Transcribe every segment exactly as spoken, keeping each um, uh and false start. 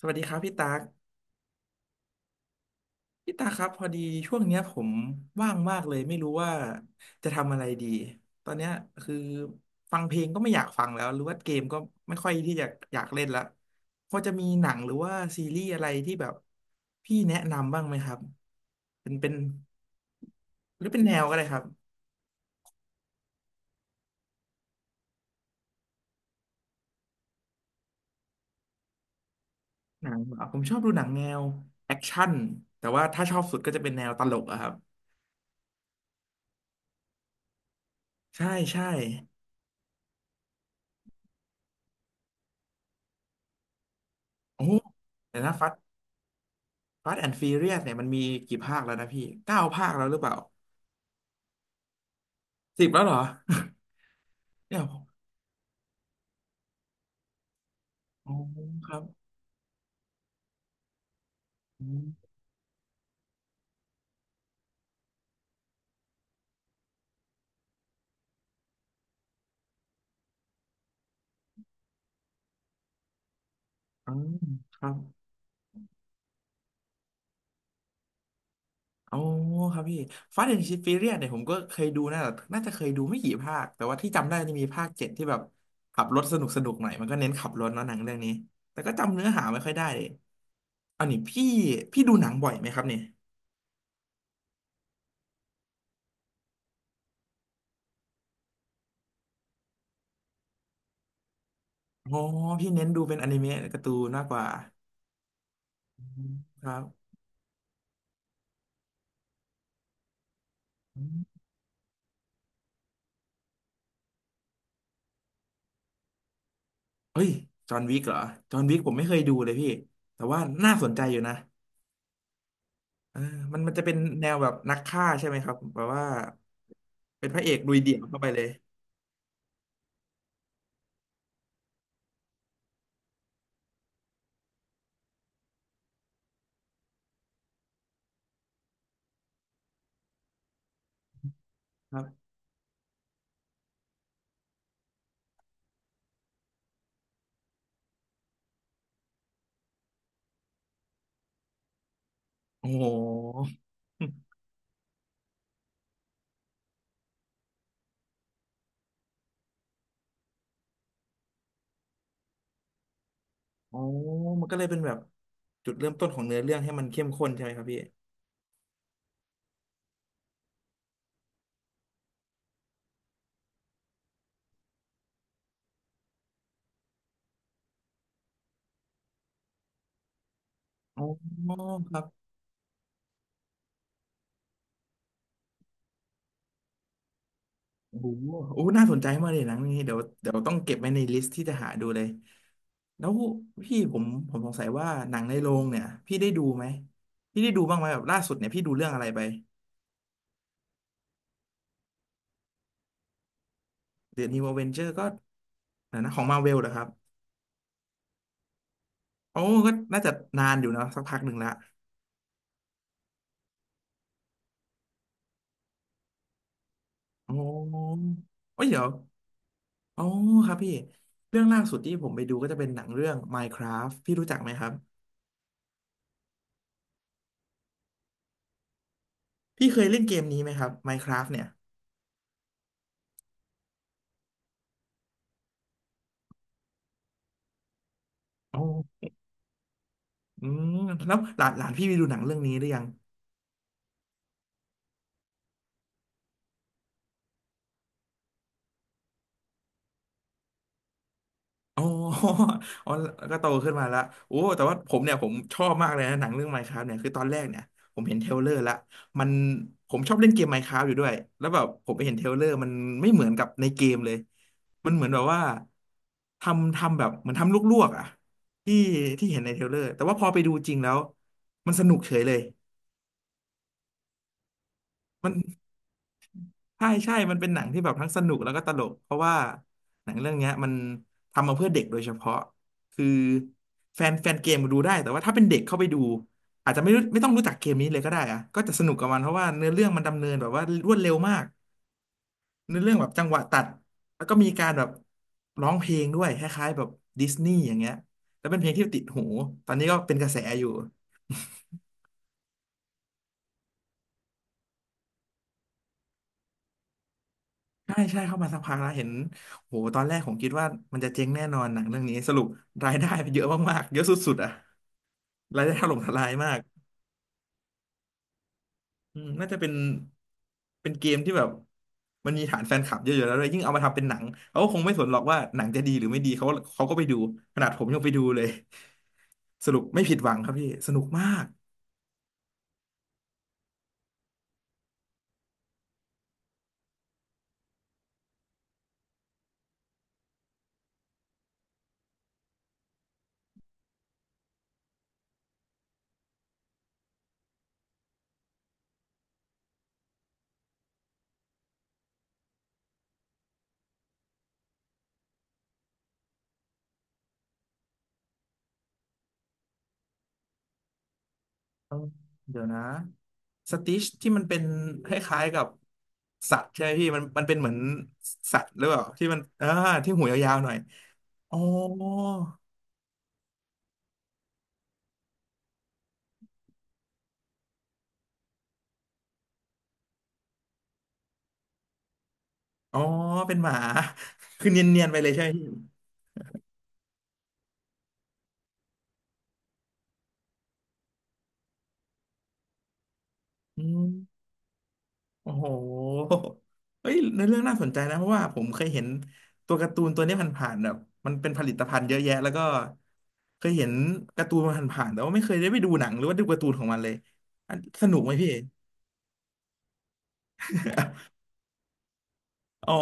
สวัสดีครับพี่ตากพี่ตากครับพอดีช่วงเนี้ยผมว่างมากเลยไม่รู้ว่าจะทำอะไรดีตอนเนี้ยคือฟังเพลงก็ไม่อยากฟังแล้วหรือว่าเกมก็ไม่ค่อยที่จะอยากเล่นละพอจะมีหนังหรือว่าซีรีส์อะไรที่แบบพี่แนะนำบ้างไหมครับเป็นเป็นหรือเป็นแนวก็ได้ครับหนังเหรอผมชอบดูหนังแนวแอคชั่นแต่ว่าถ้าชอบสุดก็จะเป็นแนวตลกอะครับใช่ใช่โอ้โหเนะฟัด Fast and Furious เนี่ยมันมีกี่ภาคแล้วนะพี่เก้าภาคแล้วหรือเปล่าสิบแล้วเหรอ เนี่ยอ๋อครับอืมอมครับอ๋อครับพี่ Fast and Furious เนี่ยผมก็เคยดูนะแต่น่าจะเคยดูไม่กี่ภาคแต่ว่าที่จำได้จะมีภาคเจ็ดที่แบบขับรถสนุกสนุกหน่อยมันก็เน้นขับรถเนาะหนังเรื่องนี้แต่ก็จำเนื้อหาไม่ค่อยได้เลยอันนี้พี่พี่ดูหนังบ่อยไหมครับเนี่ยอ๋อพี่เน้นดูเป็นอนิเมะการ์ตูนมากกว่าอืมครับ เฮ้ยจอห์นวิกเหรอจอห์นวิกผมไม่เคยดูเลยพี่แต่ว่าน่าสนใจอยู่นะเออมันมันจะเป็นแนวแบบนักฆ่าใช่ไหมครับแบบว่าเป็นพระเอกลุยเดี่ยวเข้าไปเลยครับโอ้โห อ๋อมันก็เลยเป็นแบบจุดเริ่มต้นของเนื้อเรื่องให้มันเข้มข้นใช่ไหมครับพี่อ๋อครับโอ้โหโอ้น่าสนใจมากเลยหนังนี้เดี๋ยวเดี๋ยวต้องเก็บไว้ในลิสต์ที่จะหาดูเลยแล้วพี่ผมผมสงสัยว่าหนังในโรงเนี่ยพี่ได้ดูไหมพี่ได้ดูบ้างไหมแบบล่าสุดเนี่ยพี่ดูเรื่องอะไรไป เดอะนิวอเวนเจอร์ก็นะนะของมาเวลเหรอครับโอ้ก็น่าจะนานอยู่นะสักพักหนึ่งละโอ้โอ้ยเดี๋ยวโอ้ครับพี่เรื่องล่าสุดที่ผมไปดูก็จะเป็นหนังเรื่อง Minecraft พี่รู้จักไหมครับพี่เคยเล่นเกมนี้ไหมครับ Minecraft เนี่ยโอ้อืมแล้วหลานหลานพี่ไปดูหนังเรื่องนี้หรือยัง อ๋อ อ๋อก็โตขึ้นมาแล้วโอ้แต่ว่าผมเนี่ยผมชอบมากเลยนะหนังเรื่อง Minecraft เนี่ยคือตอนแรกเนี่ยผมเห็นเทรลเลอร์ละมันผมชอบเล่นเกม Minecraft อยู่ด้วย แล้วแบบผมไปเห็นเทรลเลอร์มันไม่เหมือนกับในเกมเลย มันเหมือนแบบว่าทำทำแบบเหมือนทำลวกๆอ่ะที่ที่เห็นในเทรลเลอร์แต่ว่าพอไปดูจริงแล้วมันสนุกเฉยเลยมัน ใช่ใช่ มันเป็นหนังที่แบบทั้งสนุกแล้วก็ตลก เพราะว่าหนังเรื่องเนี้ยมันทำมาเพื่อเด็กโดยเฉพาะคือแฟนแฟนเกมดูได้แต่ว่าถ้าเป็นเด็กเข้าไปดูอาจจะไม่รู้ไม่ต้องรู้จักเกมนี้เลยก็ได้อะก็จะสนุกกับมันเพราะว่าเนื้อเรื่องมันดำเนินแบบว่ารวดเร็วมากเนื้อเรื่องแบบจังหวะตัดแล้วก็มีการแบบร้องเพลงด้วยคล้ายๆแบบดิสนีย์อย่างเงี้ยแล้วเป็นเพลงที่ติดหู ตอนนี้ก็เป็นกระแสอยู่ ใช่ใช่เข้ามาสักพักแล้วเห็นโหตอนแรกผมคิดว่ามันจะเจ๊งแน่นอนหนังเรื่องนี้สรุปรายได้เยอะมากๆเยอะสุดๆอ่ะรายได้ถล่มทลายมากอืมน่าจะเป็นเป็นเกมที่แบบมันมีฐานแฟนคลับเยอะๆแล้วด้วยยิ่งเอามาทำเป็นหนังเขาก็คงไม่สนหรอกว่าหนังจะดีหรือไม่ดีเขาเขาก็ไปดูขนาดผมยังไปดูเลยสรุปไม่ผิดหวังครับพี่สนุกมาก เอ้าเดี๋ยวนะสติชที่มันเป็นคล้ายๆกับสัตว์ใช่ไหมพี่มันมันเป็นเหมือนสัตว์หรือเปล่าที่มันอ่าที่หูยาวๆหน่อยอ๋ออ๋อเป็นหมา คือเนียนๆไปเลยใช่ไหมพี่อืมโอ้โหเฮ้ยในเรื่องน่าสนใจนะเพราะว่าผมเคยเห็นตัวการ์ตูนตัวนี้ผ่านๆแบบมันเป็นผลิตภัณฑ์เยอะแยะแล้วก็เคยเห็นการ์ตูนมันผ่านๆแต่ว่าไม่เคยได้ไปดูหนังหรือว่าดูการ์ตูนของมันเลยอันสนุกไหมพี่ อ๋อ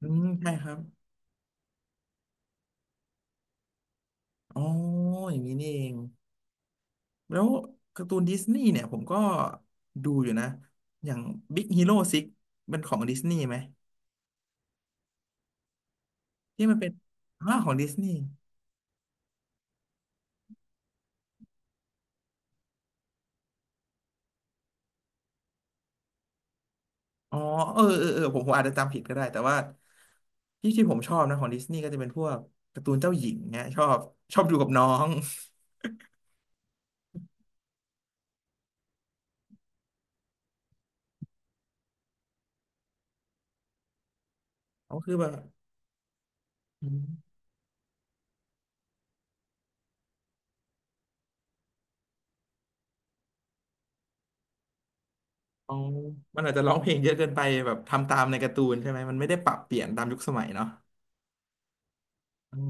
อืมใช่ครับ อ๋ออย่างนี้นี่เองแล้วการ์ตูนดิสนีย์เนี่ยผมก็ดูอยู่นะอย่าง Big Hero หกเป็นของดิสนีย์ไหมที่มันเป็นอ่าของดิสนีย์อ๋อเออเออเออผมผมอาจจะจำผิดก็ได้แต่ว่าที่ที่ผมชอบนะของดิสนีย์ก็จะเป็นพวกการ์ตูนเจ้าหญิงเนี่ยชอบชอบดูกับน้องเขาคือแบบอืมอ๋อมันอาจจะร้องเพลงเยอะเกินไปแบบทำตามในการ์ตูนใช่ไหมมันไม่ได้ปรับเปลี่ยนตามยุคสมัยเนาะอ๋อ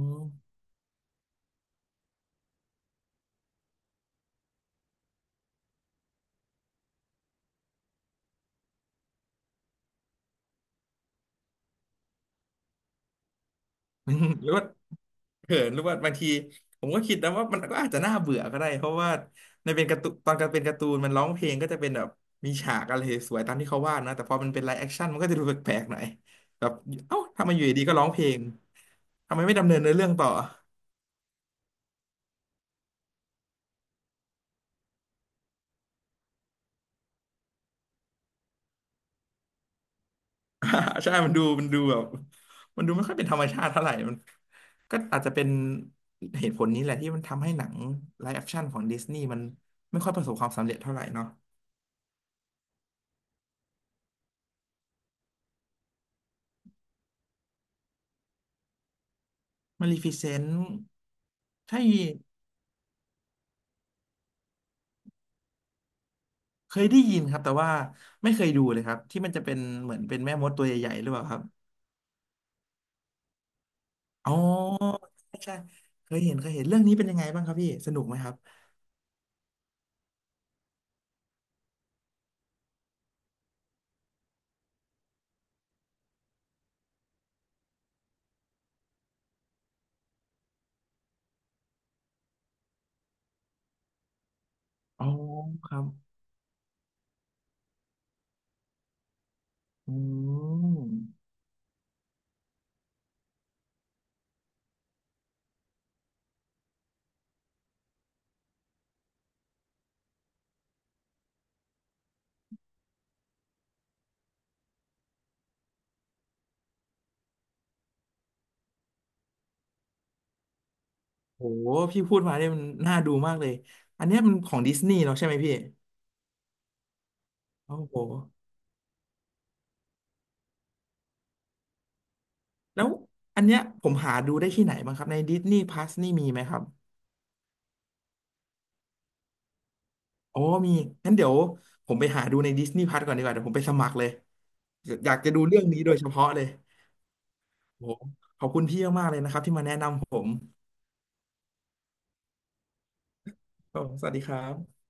อืมหรือว่าเขินหรือว่าบางทีผมก็คิดนะว่ามันก็อาจจะน่าเบื่อก็ได้เพราะว่าในเป็นการ์ตูนตอนการเป็นการ์ตูนมันร้องเพลงก็จะเป็นแบบมีฉากอะไรสวยๆตามที่เขาวาดนะแต่พอมันเป็นไลฟ์แอคชั่นมันก็จะดูแปลกๆหน่อยแบบเอ้าทำไมอยู่ดีๆก็ร้องเพลงทำไมไม่ดำเนินเนื้อเรื่องต่ออ่า ใช่มันดูมันดูแบบมันดูไม่ค่อยเป็นธรรมชาติเท่าไหร่มันก็อาจจะเป็นเหตุผลนี้แหละที่มันทำให้หนังไลฟ์แอคชั่นของดิสนีย์มันไม่ค่อยประสบความสำเร็จเท่าไหร่เนาะ มาลีฟิเซนต์ใช่เคยได้ยินครับแต่ว่าไม่เคยดูเลยครับที่มันจะเป็นเหมือนเป็นแม่มดตัวใหญ่ๆหรือเปล่าครับอ๋อใช่ใช่เคยเห็นเคยเห็นเรื่องนี้เป็นยังไงบ้างครับพี่สนุกไหมครับอ๋อครับอืมโหพี่พูดมาเนี่ยมันน่าดูมากเลยอันเนี้ยมันของดิสนีย์เนาะใช่ไหมพี่โอ้โหแล้วอันเนี้ยผมหาดูได้ที่ไหนบ้างครับในดิสนีย์พลัสนี่มีไหมครับโอ้มีงั้นเดี๋ยวผมไปหาดูในดิสนีย์พลัสก่อนดีกว่าเดี๋ยวผมไปสมัครเลย อยากจะดูเรื่องนี้โดยเฉพาะเลยโอ้โหขอบคุณพี่มากๆเลยนะครับที่มาแนะนำผมครับผมสวัสดีครับ